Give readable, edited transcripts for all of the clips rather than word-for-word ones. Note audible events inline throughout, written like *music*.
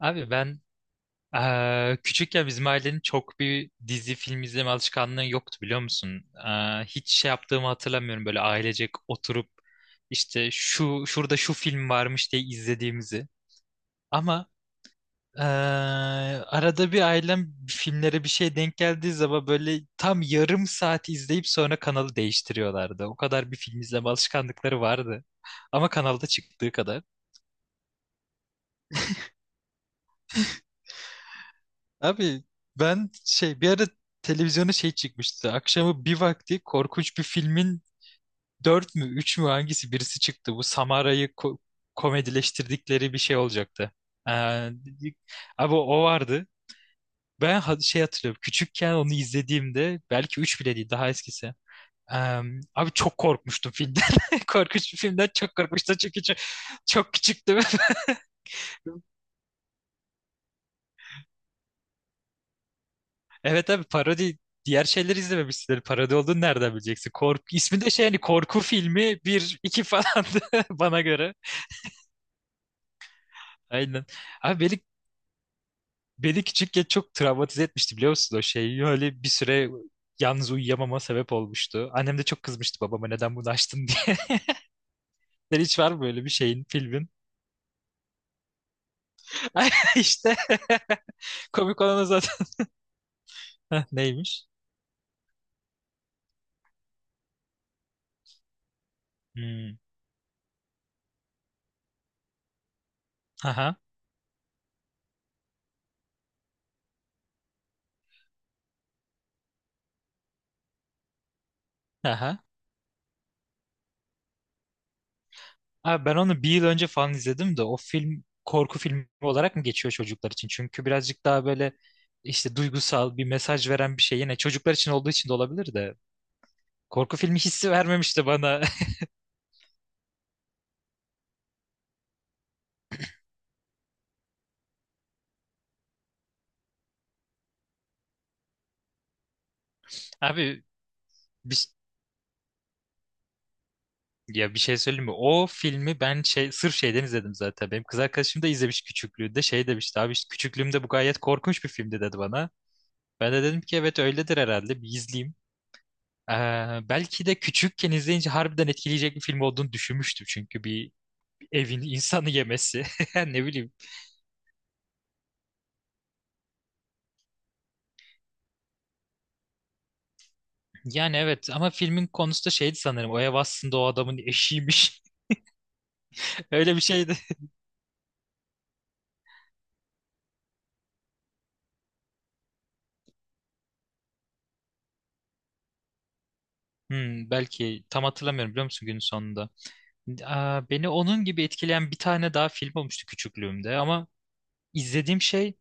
Abi ben küçükken bizim ailenin çok bir dizi film izleme alışkanlığı yoktu biliyor musun? Hiç şey yaptığımı hatırlamıyorum böyle ailecek oturup işte şu şurada şu film varmış diye izlediğimizi. Ama eee, arada bir ailem filmlere bir şey denk geldiği zaman böyle tam yarım saat izleyip sonra kanalı değiştiriyorlardı. O kadar bir film izleme alışkanlıkları vardı. Ama kanalda çıktığı kadar. Abi ben şey bir ara televizyona şey çıkmıştı. Akşamı bir vakti korkunç bir filmin dört mü üç mü hangisi birisi çıktı. Bu Samara'yı komedileştirdikleri bir şey olacaktı. Ee, abi o vardı. Ben şey hatırlıyorum. Küçükken onu izlediğimde belki üç bile değil, daha eskisi. Ee, abi çok korkmuştum filmden. *laughs* Korkunç bir filmden çok korkmuştum çünkü çok, çok küçüktüm. *laughs* Evet abi, parodi diğer şeyleri izlememişsindir. Parodi olduğunu nereden bileceksin? Korku ismi de şey, hani korku filmi bir iki falandı *laughs* bana göre. Aynen. Abi beni, beni küçükken çok travmatize etmişti biliyor musun o şey? Öyle bir süre yalnız uyuyamama sebep olmuştu. Annem de çok kızmıştı babama, neden bunu açtın diye. *laughs* Senin hiç var mı böyle bir şeyin, filmin? *laughs* Ay, İşte *laughs* komik olan o zaten. *laughs* Heh, neymiş? Hmm. Aha. Aha. Abi ben onu bir yıl önce falan izledim de o film korku filmi olarak mı geçiyor çocuklar için? Çünkü birazcık daha böyle işte duygusal bir mesaj veren bir şey, yine çocuklar için olduğu için de olabilir de korku filmi hissi vermemişti bana. *laughs* Abi bir, ya bir şey söyleyeyim mi? O filmi ben şey, sırf şeyden izledim zaten. Benim kız arkadaşım da izlemiş küçüklüğünde, şey demişti, abi işte küçüklüğümde bu gayet korkunç bir filmdi dedi bana. Ben de dedim ki evet öyledir herhalde, bir izleyeyim. Ee, belki de küçükken izleyince harbiden etkileyecek bir film olduğunu düşünmüştüm. Çünkü bir evin insanı yemesi. *laughs* Ne bileyim. Yani evet, ama filmin konusu da şeydi sanırım. O ev aslında o adamın eşiymiş. *laughs* Öyle bir şeydi. Hmm, belki tam hatırlamıyorum biliyor musun, günün sonunda. Aa, beni onun gibi etkileyen bir tane daha film olmuştu küçüklüğümde ama izlediğim şey,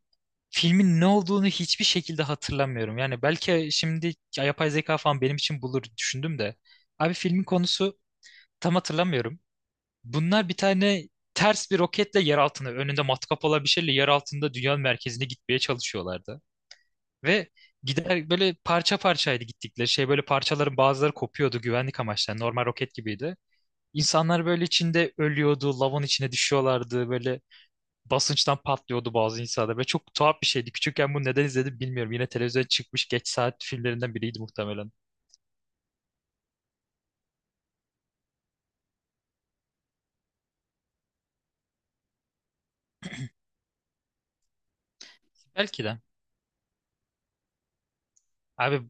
filmin ne olduğunu hiçbir şekilde hatırlamıyorum. Yani belki şimdi yapay zeka falan benim için bulur düşündüm de. Abi filmin konusu tam hatırlamıyorum. Bunlar bir tane ters bir roketle yer altına, önünde matkap olan bir şeyle yer altında dünyanın merkezine gitmeye çalışıyorlardı. Ve gider, böyle parça parçaydı gittikleri şey, böyle parçaların bazıları kopuyordu güvenlik amaçlı. Yani normal roket gibiydi. İnsanlar böyle içinde ölüyordu, lavın içine düşüyorlardı, böyle basınçtan patlıyordu bazı insanlar. Ve çok tuhaf bir şeydi. Küçükken bunu neden izledim bilmiyorum. Yine televizyona çıkmış geç saat filmlerinden biriydi muhtemelen. Belki de. Abi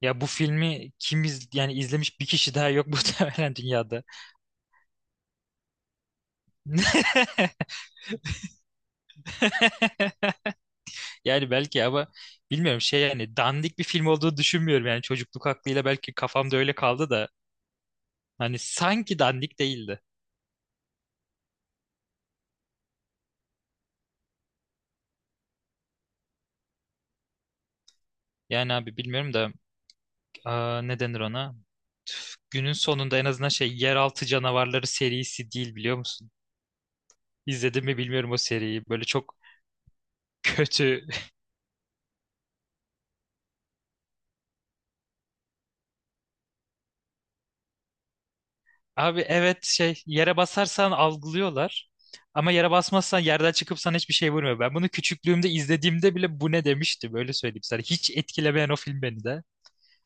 ya, bu filmi kim yani izlemiş bir kişi daha yok *laughs* muhtemelen dünyada. *laughs* *laughs* Yani belki, ama bilmiyorum şey, yani dandik bir film olduğu düşünmüyorum. Yani çocukluk aklıyla belki kafamda öyle kaldı da hani sanki dandik değildi. Yani abi bilmiyorum da, aa, ne denir ona? Günün sonunda en azından şey, Yeraltı Canavarları serisi değil biliyor musun? İzledin mi bilmiyorum o seriyi. Böyle çok kötü. *laughs* Abi evet, şey, yere basarsan algılıyorlar. Ama yere basmazsan yerden çıkıp sana hiçbir şey vurmuyor. Ben bunu küçüklüğümde izlediğimde bile bu ne demiştim, öyle söyleyeyim sana. Hiç etkilemeyen o film beni de.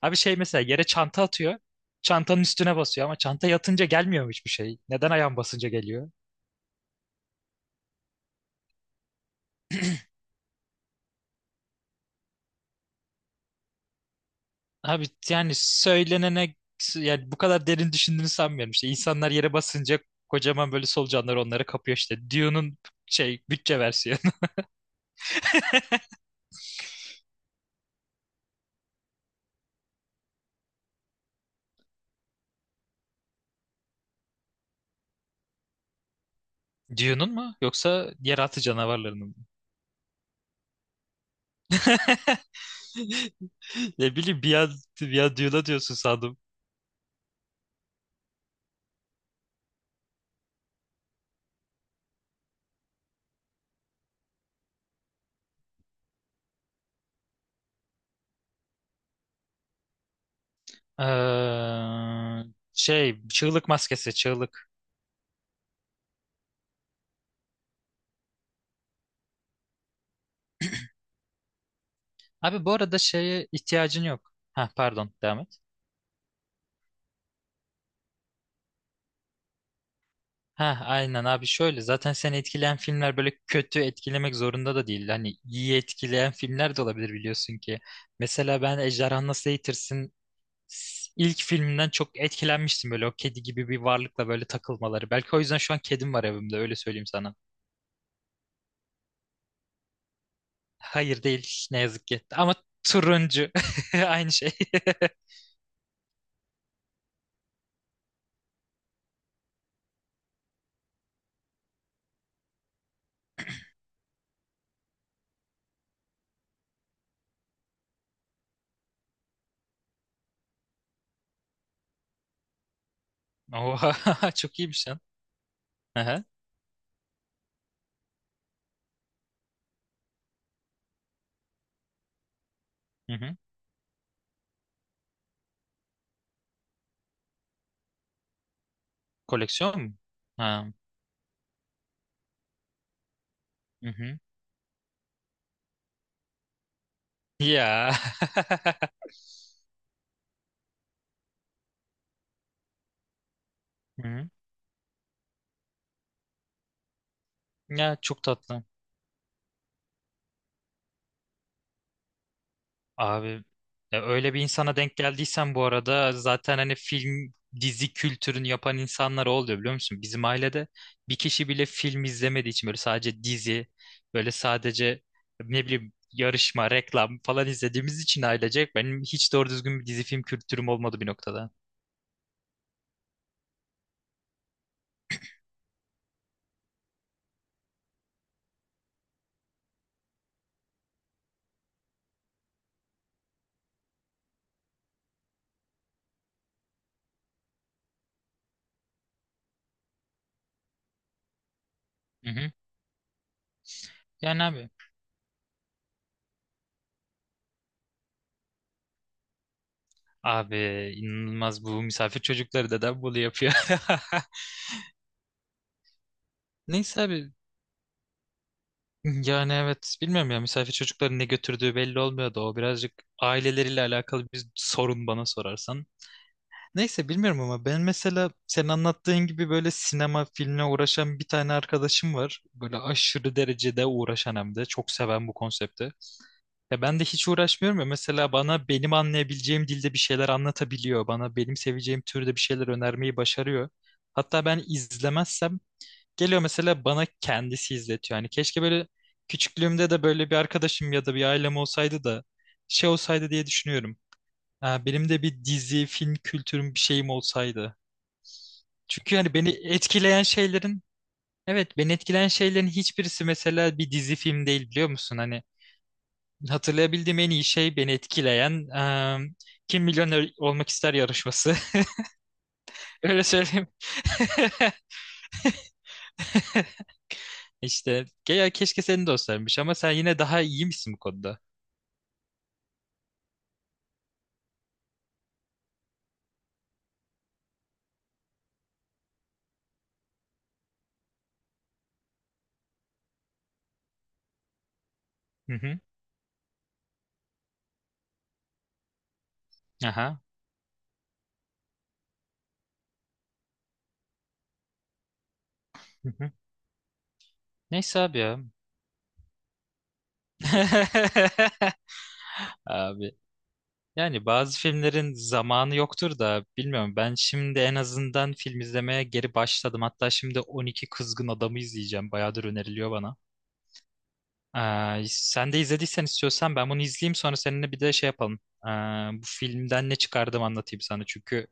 Abi şey, mesela yere çanta atıyor. Çantanın üstüne basıyor ama çanta yatınca gelmiyor hiçbir şey. Neden ayağın basınca geliyor? Abi yani söylenene, yani bu kadar derin düşündüğünü sanmıyorum. İşte insanlar yere basınca kocaman böyle solucanlar onları kapıyor işte. Dune'un şey, bütçe versiyonu. *laughs* Dune'un mu yoksa yeraltı canavarlarının mı? *laughs* Ne bileyim, bir an Dune'a diyorsun sandım. Eee, şey, çığlık maskesi, çığlık. Abi bu arada şeye ihtiyacın yok. Ha pardon, devam et. Ha aynen abi, şöyle zaten seni etkileyen filmler böyle kötü etkilemek zorunda da değil. Hani iyi etkileyen filmler de olabilir biliyorsun ki. Mesela ben Ejderha Nasıl Eğitirsin ilk filminden çok etkilenmiştim, böyle o kedi gibi bir varlıkla böyle takılmaları. Belki o yüzden şu an kedim var evimde, öyle söyleyeyim sana. Hayır değil ne yazık ki, ama turuncu *laughs* aynı şey. *laughs* Oha *laughs* çok iyiymiş lan. Aha, hı hı. Koleksiyon mu? Ha. Hı hı. Ya. *laughs* Hı hı. Ya çok tatlı. Abi ya, öyle bir insana denk geldiysen bu arada zaten hani film dizi kültürünü yapan insanlar o oluyor biliyor musun? Bizim ailede bir kişi bile film izlemediği için, böyle sadece dizi, böyle sadece ne bileyim yarışma, reklam falan izlediğimiz için ailecek benim hiç doğru düzgün bir dizi film kültürüm olmadı bir noktada. Hı hı. Yani abi, inanılmaz bu misafir çocukları da bunu yapıyor. *laughs* Neyse abi, yani evet bilmiyorum ya, misafir çocukların ne götürdüğü belli olmuyordu. O birazcık aileleriyle alakalı bir sorun, bana sorarsan. Neyse bilmiyorum ama ben mesela senin anlattığın gibi böyle sinema filmle uğraşan bir tane arkadaşım var. Böyle aşırı derecede uğraşan, hem de çok seven bu konsepti. Ya ben de hiç uğraşmıyorum ya mesela, bana benim anlayabileceğim dilde bir şeyler anlatabiliyor. Bana benim seveceğim türde bir şeyler önermeyi başarıyor. Hatta ben izlemezsem geliyor mesela bana kendisi izletiyor. Hani keşke böyle küçüklüğümde de böyle bir arkadaşım ya da bir ailem olsaydı da şey olsaydı diye düşünüyorum. Ha, benim de bir dizi, film kültürüm, bir şeyim olsaydı. Çünkü hani beni etkileyen şeylerin, evet beni etkileyen şeylerin hiçbirisi mesela bir dizi film değil biliyor musun? Hani hatırlayabildiğim en iyi şey beni etkileyen, em, Kim Milyoner Olmak ister yarışması. *laughs* Öyle söyleyeyim. *laughs* İşte ya keşke senin de olsaymış, ama sen yine daha iyi misin bu konuda? Hı hı. Aha. Hı hı. Neyse abi ya. *laughs* Abi. Yani bazı filmlerin zamanı yoktur da bilmiyorum. Ben şimdi en azından film izlemeye geri başladım. Hatta şimdi 12 Kızgın Adam'ı izleyeceğim. Bayağıdır öneriliyor bana. Sen de izlediysen, istiyorsan ben bunu izleyeyim sonra seninle bir de şey yapalım. Ee, bu filmden ne çıkardım anlatayım sana çünkü.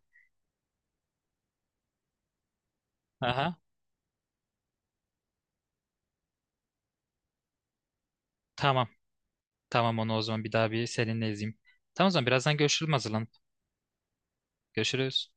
Aha. Tamam. Tamam, onu o zaman bir daha, bir seninle izleyeyim. Tamam, o zaman birazdan görüşürüz, hazırlan. Görüşürüz.